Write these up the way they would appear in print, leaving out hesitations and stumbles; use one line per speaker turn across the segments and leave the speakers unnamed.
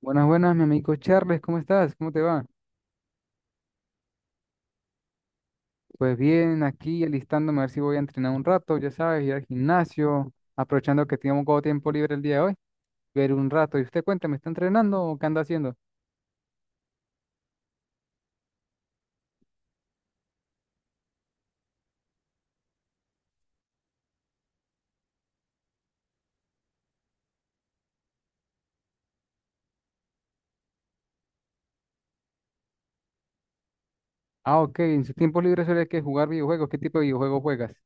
Buenas, buenas, mi amigo Charles, ¿cómo estás? ¿Cómo te va? Pues bien, aquí alistándome a ver si voy a entrenar un rato, ya sabes, ir al gimnasio, aprovechando que tengo un poco de tiempo libre el día de hoy, ver un rato. ¿Y usted cuenta, me está entrenando o qué anda haciendo? Ah, ok, en su tiempo libre suele que jugar videojuegos, ¿qué tipo de videojuegos juegas?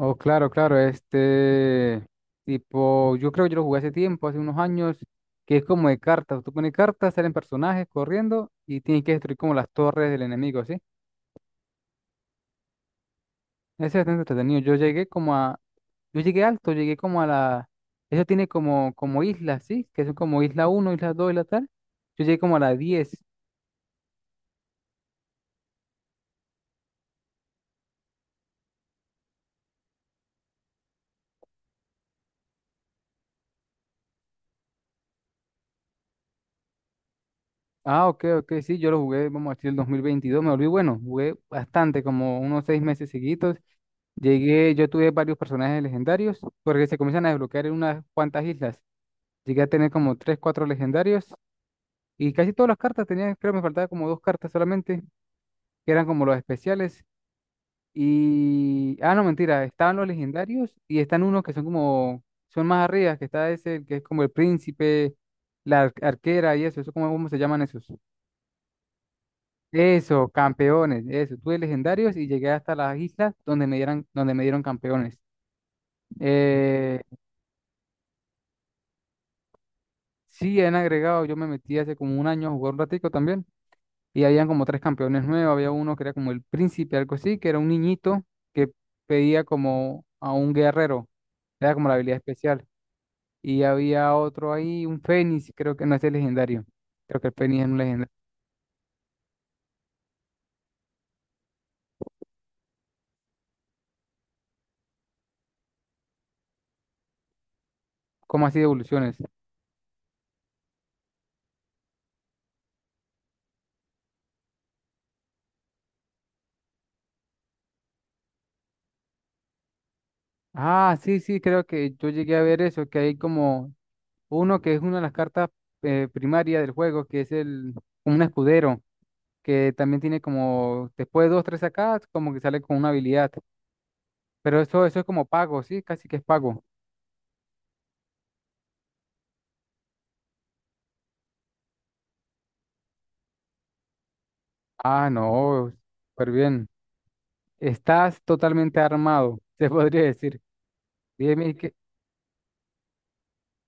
Oh, claro, claro, este tipo, yo creo que yo lo jugué hace tiempo, hace unos años, que es como de cartas, tú pones cartas, salen personajes corriendo y tienes que destruir como las torres del enemigo, ¿sí? Ese es entretenido. Yo llegué alto, llegué como a la, eso tiene como islas, ¿sí? Que son como isla uno, isla 2, isla tal. Yo llegué como a la 10. Ah, ok, ok, sí, yo lo jugué, vamos a decir, el 2022. Me volví bueno, jugué bastante, como unos 6 meses seguidos. Yo tuve varios personajes legendarios, porque se comienzan a desbloquear en unas cuantas islas. Llegué a tener como tres, cuatro legendarios, y casi todas las cartas tenía, creo que me faltaba como dos cartas solamente, que eran como los especiales. Ah, no, mentira. Estaban los legendarios y están unos que son como. Son más arriba, que está ese, que es como el príncipe, la arquera y eso. Eso, ¿cómo se llaman esos? Eso, campeones. Eso. Tuve legendarios y llegué hasta las islas donde me dieran, donde me dieron campeones. Eh, sí, han agregado. Yo me metí hace como un año a jugar un ratico también. Y habían como tres campeones nuevos. Había uno que era como el príncipe, algo así, que era un niñito que pedía como a un guerrero. Era como la habilidad especial. Y había otro ahí, un Fénix, creo que no es el legendario. Creo que el Fénix es un legendario. ¿Cómo así de evoluciones? Ah, sí, sí, creo que yo llegué a ver eso, que hay como uno que es una de las cartas primarias del juego, que es el como un escudero, que también tiene como, después de dos, tres sacadas, como que sale con una habilidad. Pero eso es como pago, sí, casi que es pago. Ah, no, súper bien. Estás totalmente armado, se podría decir. Dime.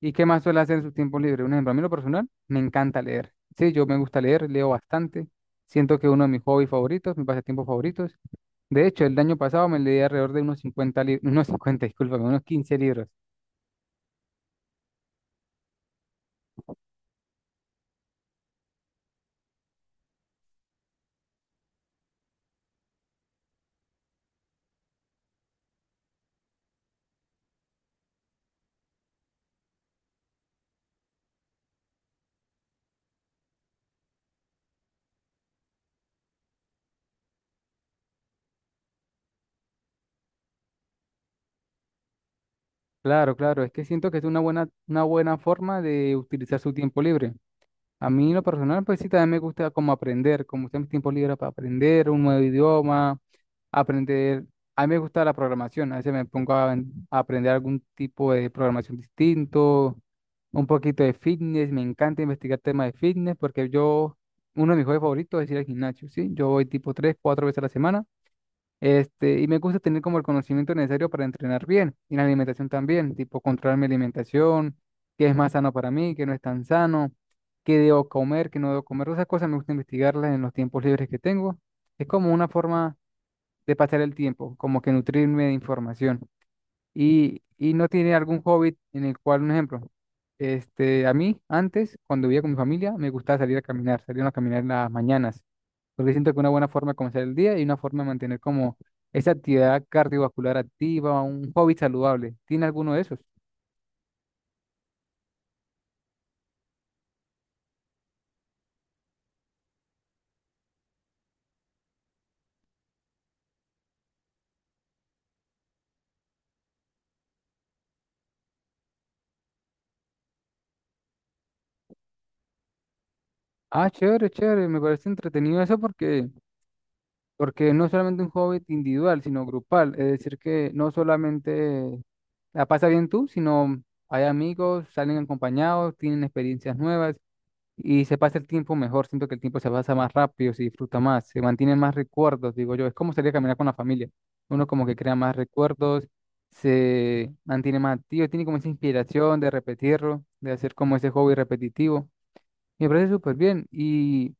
¿Y qué más suele hacer en su tiempo libre? Un ejemplo, a mí en lo personal, me encanta leer. Sí, yo me gusta leer, leo bastante. Siento que es uno de mis hobbies favoritos, mis pasatiempos favoritos. De hecho, el año pasado me leí alrededor de unos 50 libros, unos 50 discúlpame, unos 15 libros. Claro, claro, es que siento que es una buena forma de utilizar su tiempo libre. A mí, en lo personal, pues sí, también me gusta como aprender, como usar mis tiempos libres para aprender un nuevo idioma, aprender. A mí me gusta la programación, a veces me pongo a aprender algún tipo de programación distinto, un poquito de fitness, me encanta investigar temas de fitness porque yo, uno de mis hobbies favoritos es ir al gimnasio, ¿sí? Yo voy tipo tres, cuatro veces a la semana. Y me gusta tener como el conocimiento necesario para entrenar bien y la alimentación también, tipo controlar mi alimentación, qué es más sano para mí, qué no es tan sano, qué debo comer, qué no debo comer. Esas cosas me gusta investigarlas en los tiempos libres que tengo. Es como una forma de pasar el tiempo, como que nutrirme de información. Y no tiene algún hobby en el cual, un ejemplo, a mí antes, cuando vivía con mi familia, me gustaba salir a caminar en las mañanas porque siento que una buena forma de comenzar el día y una forma de mantener como esa actividad cardiovascular activa, un hobby saludable. ¿Tiene alguno de esos? Ah, chévere, chévere, me parece entretenido eso porque no es solamente un hobby individual, sino grupal. Es decir, que no solamente la pasa bien tú, sino hay amigos, salen acompañados, tienen experiencias nuevas. Y se pasa el tiempo mejor. Siento que el tiempo se pasa más rápido, se disfruta más, se mantienen más recuerdos, digo yo. Es como salir a caminar con la familia. Uno como que crea más recuerdos, se mantiene más activo, tiene como esa inspiración de repetirlo, de hacer como ese hobby repetitivo. Me parece súper bien. Y,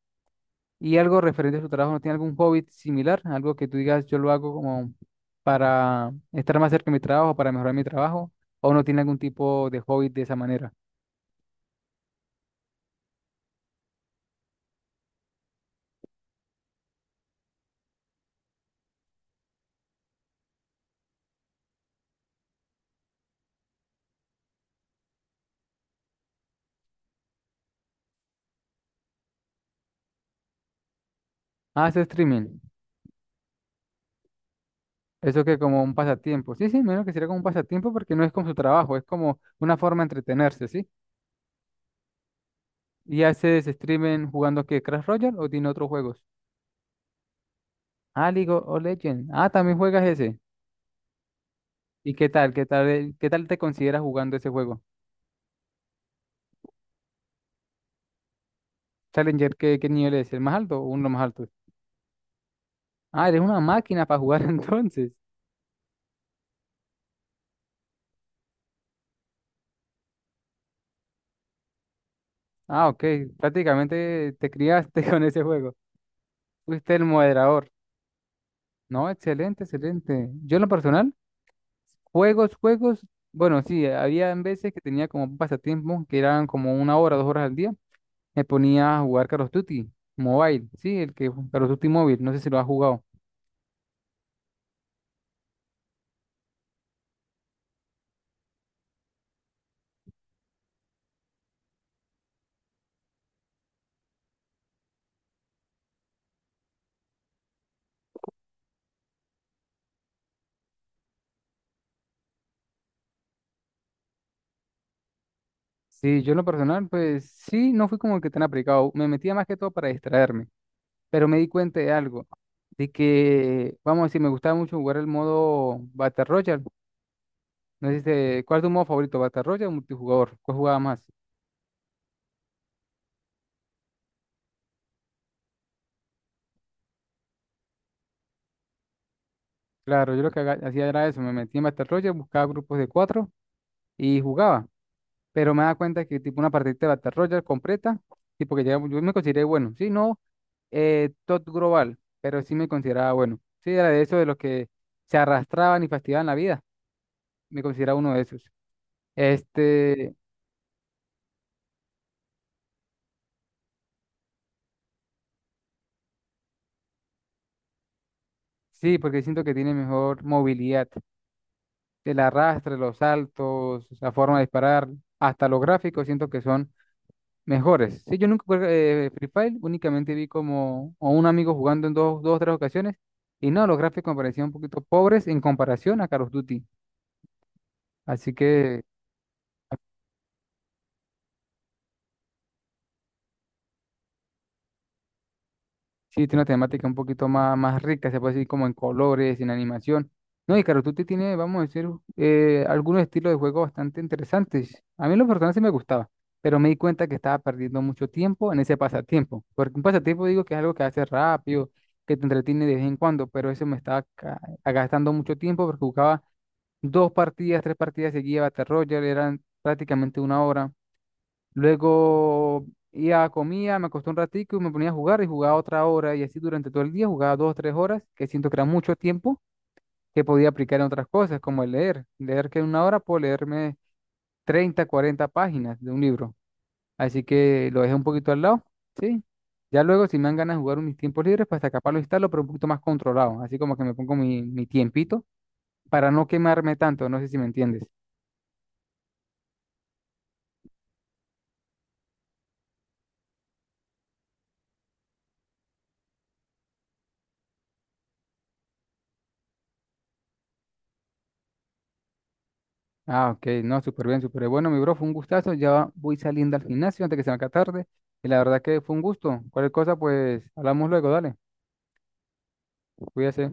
y algo referente a su trabajo, ¿no tiene algún hobby similar? Algo que tú digas, yo lo hago como para estar más cerca de mi trabajo, para mejorar mi trabajo, o no tiene algún tipo de hobby de esa manera. Ah, Hace streaming. Eso que como un pasatiempo. Sí, sí, menos que sería como un pasatiempo porque no es como su trabajo, es como una forma de entretenerse, ¿sí? ¿Y haces streaming jugando qué? ¿Crash Royale o tiene otros juegos? Ah, League of Legends. Ah, también juegas ese. ¿Y qué tal? ¿Qué tal, qué tal te consideras jugando ese juego? Challenger, ¿qué nivel es? ¿El más alto o uno de los más altos? Ah, eres una máquina para jugar entonces. Ah, ok. Prácticamente te criaste con ese juego. Fuiste el moderador. No, excelente, excelente. Yo en lo personal. Juegos, juegos, bueno, sí, había en veces que tenía como un pasatiempo que eran como 1 hora, 2 horas al día. Me ponía a jugar Call of Duty Mobile, sí, el que Call of Duty Mobile, no sé si lo has jugado. Sí, yo en lo personal, pues sí, no fui como el que tan aplicado. Me metía más que todo para distraerme, pero me di cuenta de algo, de que, vamos a decir, me gustaba mucho jugar el modo Battle Royale. No sé si ¿cuál es tu modo favorito, Battle Royale o multijugador? ¿Cuál jugaba más? Claro, yo lo que hacía era eso, me metía en Battle Royale, buscaba grupos de cuatro y jugaba. Pero me da cuenta que tipo una partida de Battle Royale completa, tipo que ya, yo me consideré bueno, sí, no top global, pero sí me consideraba bueno, sí, era de esos de los que se arrastraban y fastidiaban la vida, me consideraba uno de esos. Este, sí, porque siento que tiene mejor movilidad, el arrastre, los saltos, la forma de disparar, hasta los gráficos, siento que son mejores. Sí, yo nunca jugué Free Fire, únicamente vi como a un amigo jugando en dos o tres ocasiones. Y no, los gráficos me parecían un poquito pobres en comparación a Call of Duty. Así que sí, tiene una temática un poquito más rica, se puede decir como en colores, en animación. No, y Call of Duty tiene, vamos a decir, algunos estilos de juego bastante interesantes. A mí los personajes sí me gustaba, pero me di cuenta que estaba perdiendo mucho tiempo en ese pasatiempo. Porque un pasatiempo digo que es algo que hace rápido, que te entretiene de vez en cuando, pero eso me estaba gastando mucho tiempo porque jugaba dos partidas, tres partidas seguidas, Battle Royale, eran prácticamente una hora. Luego iba, comía, me acosté un ratico y me ponía a jugar y jugaba otra hora y así durante todo el día jugaba 2 o 3 horas, que siento que era mucho tiempo que podía aplicar en otras cosas, como el leer. Leer que en una hora puedo leerme 30 40 páginas de un libro. Así que lo dejé un poquito al lado, ¿sí? Ya luego si me dan ganas de jugar en mis tiempos libres, pues hasta capaz lo instalo, pero un poquito más controlado, así como que me pongo mi tiempito para no quemarme tanto, no sé si me entiendes. Ah, ok, no, súper bien, súper bien. Bueno, mi bro, fue un gustazo. Ya voy saliendo al gimnasio antes que se me haga tarde. Y la verdad que fue un gusto. Cualquier cosa, pues hablamos luego, dale. Cuídese.